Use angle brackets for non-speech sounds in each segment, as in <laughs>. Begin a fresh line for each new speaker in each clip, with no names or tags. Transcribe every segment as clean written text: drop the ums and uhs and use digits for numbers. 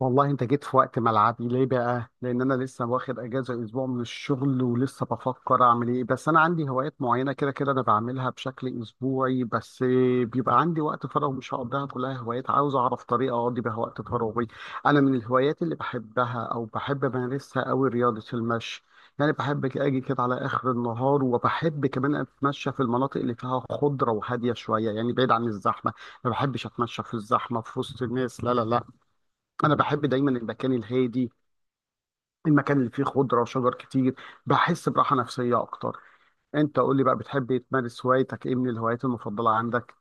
والله انت جيت في وقت ملعبي ليه بقى؟ لان انا لسه واخد اجازه اسبوع من الشغل، ولسه بفكر اعمل ايه. بس انا عندي هوايات معينه كده كده انا بعملها بشكل اسبوعي بس. بيبقى عندي وقت فراغ مش هقضيها كلها هوايات، عاوز اعرف طريقه اقضي بيها وقت فراغي. انا من الهوايات اللي بحبها او بحب امارسها قوي رياضه المشي. يعني بحب اجي كده على اخر النهار، وبحب كمان اتمشى في المناطق اللي فيها خضره وهاديه شويه، يعني بعيد عن الزحمه. ما بحبش اتمشى في الزحمه في وسط الناس، لا لا لا. انا بحب دايما المكان الهادي، المكان اللي فيه خضره وشجر كتير. بحس براحه نفسيه اكتر. انت قول لي بقى، بتحب تمارس هوايتك ايه، من الهوايات المفضله عندك؟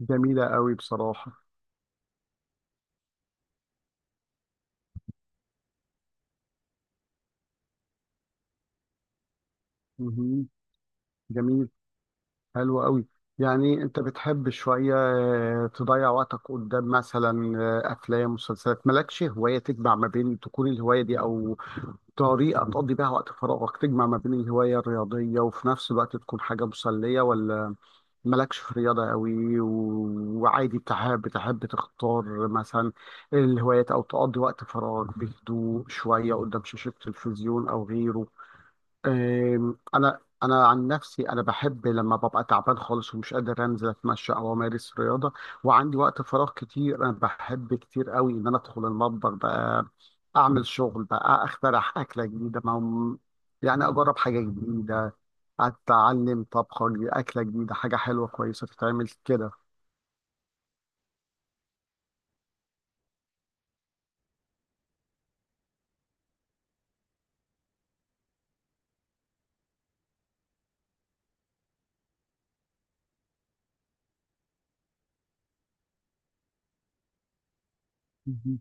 جميله قوي بصراحه. مهم. جميل. حلو قوي. يعني انت بتحب شويه، آه، تضيع وقتك قدام مثلا آه، افلام مسلسلات؟ مالكش هوايه تجمع ما بين تكون الهوايه دي، او طريقه تقضي بيها وقت فراغك تجمع ما بين الهوايه الرياضيه وفي نفس الوقت تكون حاجه مسليه؟ ولا مالكش في رياضة قوي وعادي بتحب تختار مثلا الهوايات أو تقضي وقت فراغ بهدوء شوية قدام شاشة تلفزيون أو غيره؟ انا عن نفسي انا بحب لما ببقى تعبان خالص ومش قادر انزل اتمشى او امارس رياضه، وعندي وقت فراغ كتير، انا بحب كتير قوي ان انا ادخل المطبخ بقى، اعمل شغل بقى، اخترع اكله جديده، ما يعني اجرب حاجه جديده، اتعلم طبخه جديدة، اكله جديده، حاجه حلوه كويسه تتعمل كده. مهم.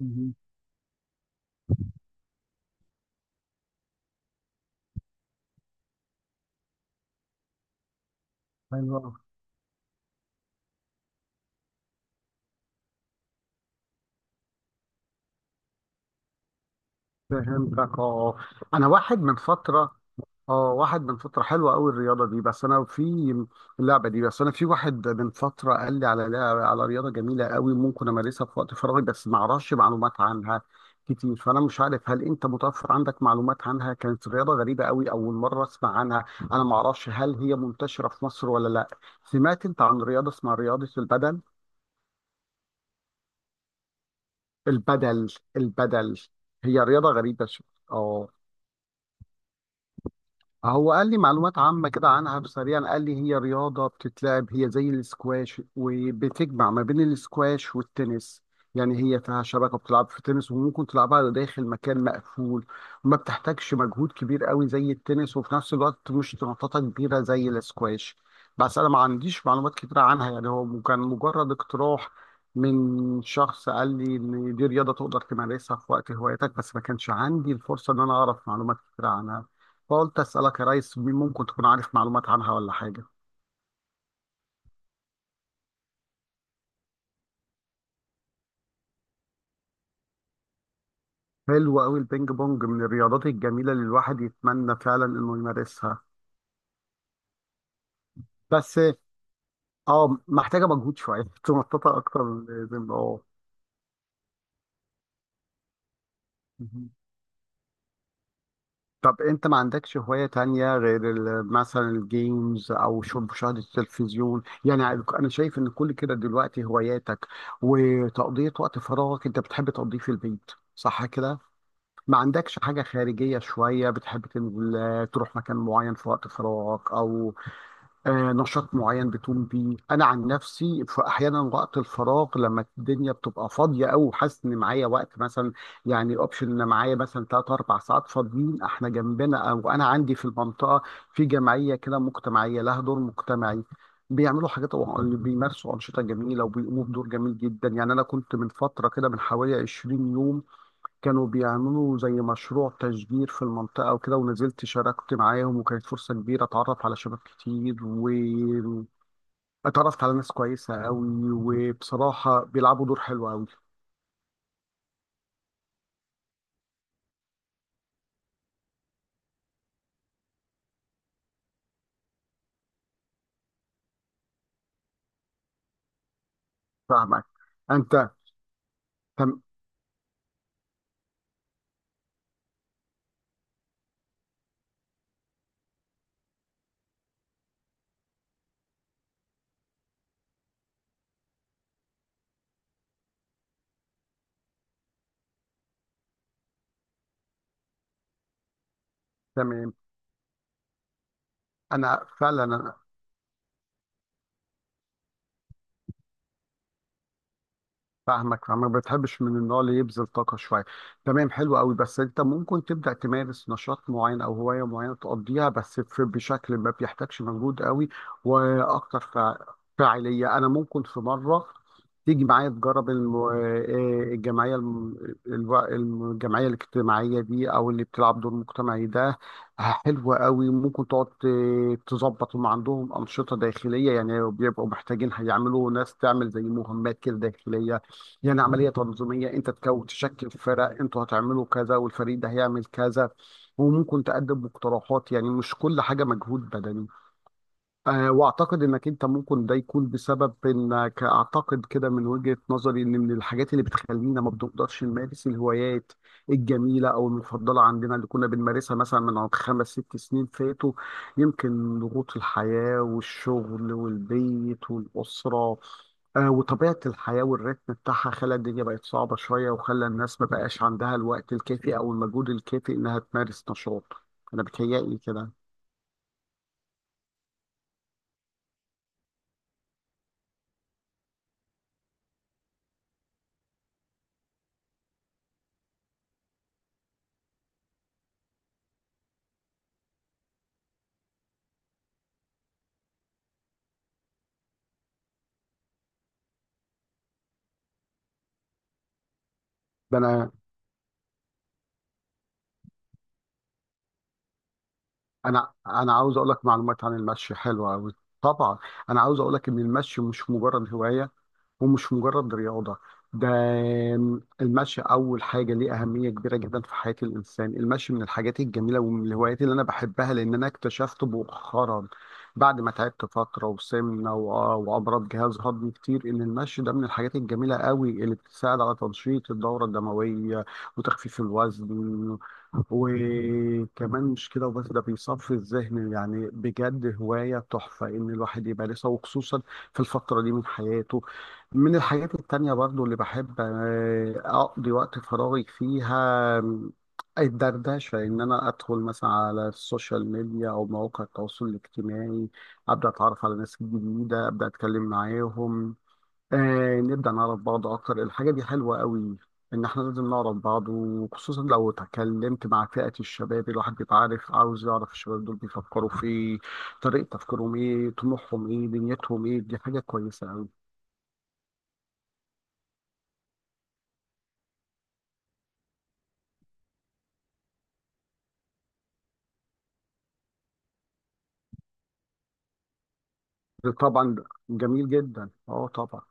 مهم. حلو أوي. فهمتك اه. انا واحد من فتره، اه واحد من فترة حلوة قوي الرياضة دي، بس انا في اللعبة دي، بس انا في واحد من فترة قال لي على لعبة، على رياضة جميلة قوي ممكن امارسها في وقت فراغي، بس ما اعرفش معلومات عنها كتير، فانا مش عارف هل انت متوفر عندك معلومات عنها. كانت رياضة غريبة قوي اول مرة اسمع عنها. انا ما اعرفش هل هي منتشرة في مصر ولا لا. سمعت انت عن رياضة اسمها رياضة البدل؟ البدل. البدل. هي رياضة غريبة شوية آه. هو قال لي معلومات عامة كده عنها سريعا، قال لي هي رياضة بتتلعب، هي زي الاسكواش، وبتجمع ما بين الاسكواش والتنس. يعني هي فيها شبكة بتلعب في تنس، وممكن تلعبها داخل مكان مقفول. ما بتحتاجش مجهود كبير قوي زي التنس، وفي نفس الوقت مش نطاطة كبيرة زي الاسكواش. بس أنا ما عنديش معلومات كتيرة عنها، يعني هو كان مجرد اقتراح من شخص قال لي إن دي رياضة تقدر تمارسها في وقت هوايتك، بس ما كانش عندي الفرصة إن أنا أعرف معلومات كتيرة عنها، فقلت اسالك يا ريس ممكن تكون عارف معلومات عنها ولا حاجه. حلو قوي البينج بونج، من الرياضات الجميله اللي الواحد يتمنى فعلا انه يمارسها، بس اه محتاجه مجهود شويه <laughs> تنططها اكتر من اللازم اه. مهم. طب انت ما عندكش هوايه تانية غير مثلا الجيمز او مشاهده التلفزيون يعني؟ انا شايف ان كل كده دلوقتي هواياتك وتقضيه وقت فراغك انت بتحب تقضيه في البيت صح كده؟ ما عندكش حاجة خارجية شوية بتحب تنزل تروح مكان معين في وقت فراغك أو آه، نشاط معين بتقوم بيه؟ أنا عن نفسي في أحيانا وقت الفراغ لما الدنيا بتبقى فاضية أو وحاسس إن معايا وقت، مثلا يعني الأوبشن إن معايا مثلا تلات أربع ساعات فاضيين، إحنا جنبنا أو أنا عندي في المنطقة في جمعية كده مجتمعية لها دور مجتمعي، بيعملوا حاجات، بيمارسوا أنشطة جميلة وبيقوموا بدور جميل جدا. يعني أنا كنت من فترة كده، من حوالي 20 يوم، كانوا بيعملوا زي مشروع تشجير في المنطقة وكده، ونزلت شاركت معاهم، وكانت فرصة كبيرة اتعرف على شباب كتير، و اتعرفت على ناس كويسة قوي، وبصراحة بيلعبوا دور حلو قوي. فاهمك. انت تم... تمام. انا فعلا فاهمك، فما بتحبش من النوع اللي يبذل طاقة شوية. تمام، حلو قوي. بس انت ممكن تبدأ تمارس نشاط معين او هواية معينة تقضيها بس بشكل ما بيحتاجش مجهود قوي واكتر فاعلية. انا ممكن في مرة تيجي معايا تجرب الجمعية الجمعية الاجتماعية دي او اللي بتلعب دور مجتمعي ده، حلوة قوي. ممكن تقعد تظبط، هم عندهم أنشطة داخلية، يعني بيبقوا محتاجين هيعملوا ناس تعمل زي مهمات كده داخلية، يعني عملية تنظيمية، انت تشكل فرق، انتوا هتعملوا كذا، والفريق ده هيعمل كذا، وممكن تقدم مقترحات، يعني مش كل حاجة مجهود بدني. أه، واعتقد انك انت ممكن ده يكون بسبب، انك اعتقد كده من وجهة نظري، ان من الحاجات اللي بتخلينا ما بنقدرش نمارس الهوايات الجميلة او المفضلة عندنا اللي كنا بنمارسها مثلا من عند خمس ست سنين فاتوا، يمكن ضغوط الحياة والشغل والبيت والأسرة، أه وطبيعة الحياة والريتم بتاعها، خلى الدنيا بقت صعبة شوية، وخلى الناس ما بقاش عندها الوقت الكافي او المجهود الكافي انها تمارس نشاط. انا بتهيألي كده. ده انا انا عاوز اقول لك معلومات عن المشي حلوه قوي. طبعا. انا عاوز اقول لك ان المشي مش مجرد هوايه، ومش مجرد رياضة، ده المشي أول حاجة ليه أهمية كبيرة جدا في حياة الإنسان. المشي من الحاجات الجميلة ومن الهوايات اللي أنا بحبها، لأن أنا اكتشفت مؤخرا، بعد ما تعبت فترة وسمنة وأمراض جهاز هضمي كتير، إن المشي ده من الحاجات الجميلة قوي اللي بتساعد على تنشيط الدورة الدموية وتخفيف الوزن، وكمان مش كده وبس، ده بيصفي الذهن. يعني بجد هواية تحفة إن الواحد يمارسها، وخصوصا في الفترة دي من حياته. من الحاجات التانية برضو اللي بحب أقضي وقت فراغي فيها الدردشة، إن أنا أدخل مثلا على السوشيال ميديا أو مواقع التواصل الاجتماعي، أبدأ أتعرف على ناس جديدة، أبدأ أتكلم معاهم، نبدأ نعرف بعض أكتر. الحاجة دي حلوة قوي، إن إحنا لازم نعرف بعض، وخصوصا لو اتكلمت مع فئة الشباب. الواحد بيبقى عارف، عاوز يعرف الشباب دول بيفكروا في إيه، طريقة تفكيرهم إيه، طموحهم إيه، دنيتهم إيه. دي حاجة كويسة. طبعا، جميل جدا، اه طبعا.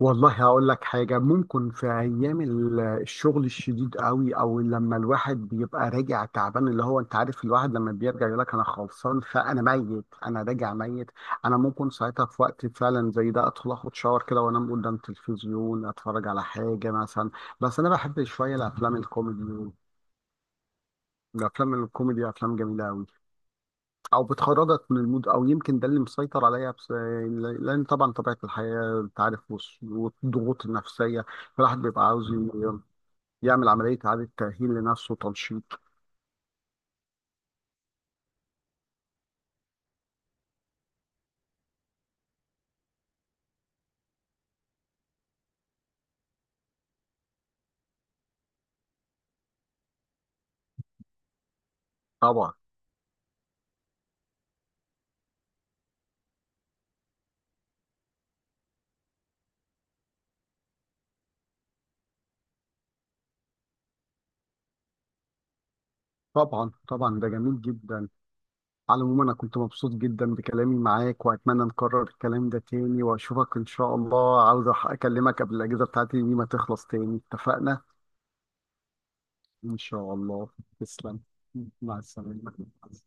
والله هقول لك حاجة، ممكن في أيام الشغل الشديد قوي، أو لما الواحد بيبقى راجع تعبان، اللي هو أنت عارف الواحد لما بيرجع يقول لك أنا خلصان، فأنا ميت، أنا راجع ميت، أنا ممكن ساعتها في وقت فعلا زي ده أدخل أخد شاور كده، وأنام قدام تلفزيون أتفرج على حاجة مثلا. بس أنا بحب شوية الأفلام الكوميدي. الأفلام الكوميدي أفلام جميلة قوي، او بتخرجك من المود، او يمكن ده اللي مسيطر عليا بس. لان طبعا طبيعه الحياه انت عارف، والضغوط النفسيه، الواحد بيبقى عاوز يعمل عمليه اعاده تاهيل لنفسه وتنشيط. طبعا طبعا طبعا، ده جميل جدا. على العموم انا كنت مبسوط جدا بكلامي معاك، واتمنى نكرر الكلام ده تاني، واشوفك ان شاء الله، عاوز اكلمك قبل الاجازه بتاعتي دي ما تخلص تاني، اتفقنا؟ ان شاء الله. تسلم. مع السلامه.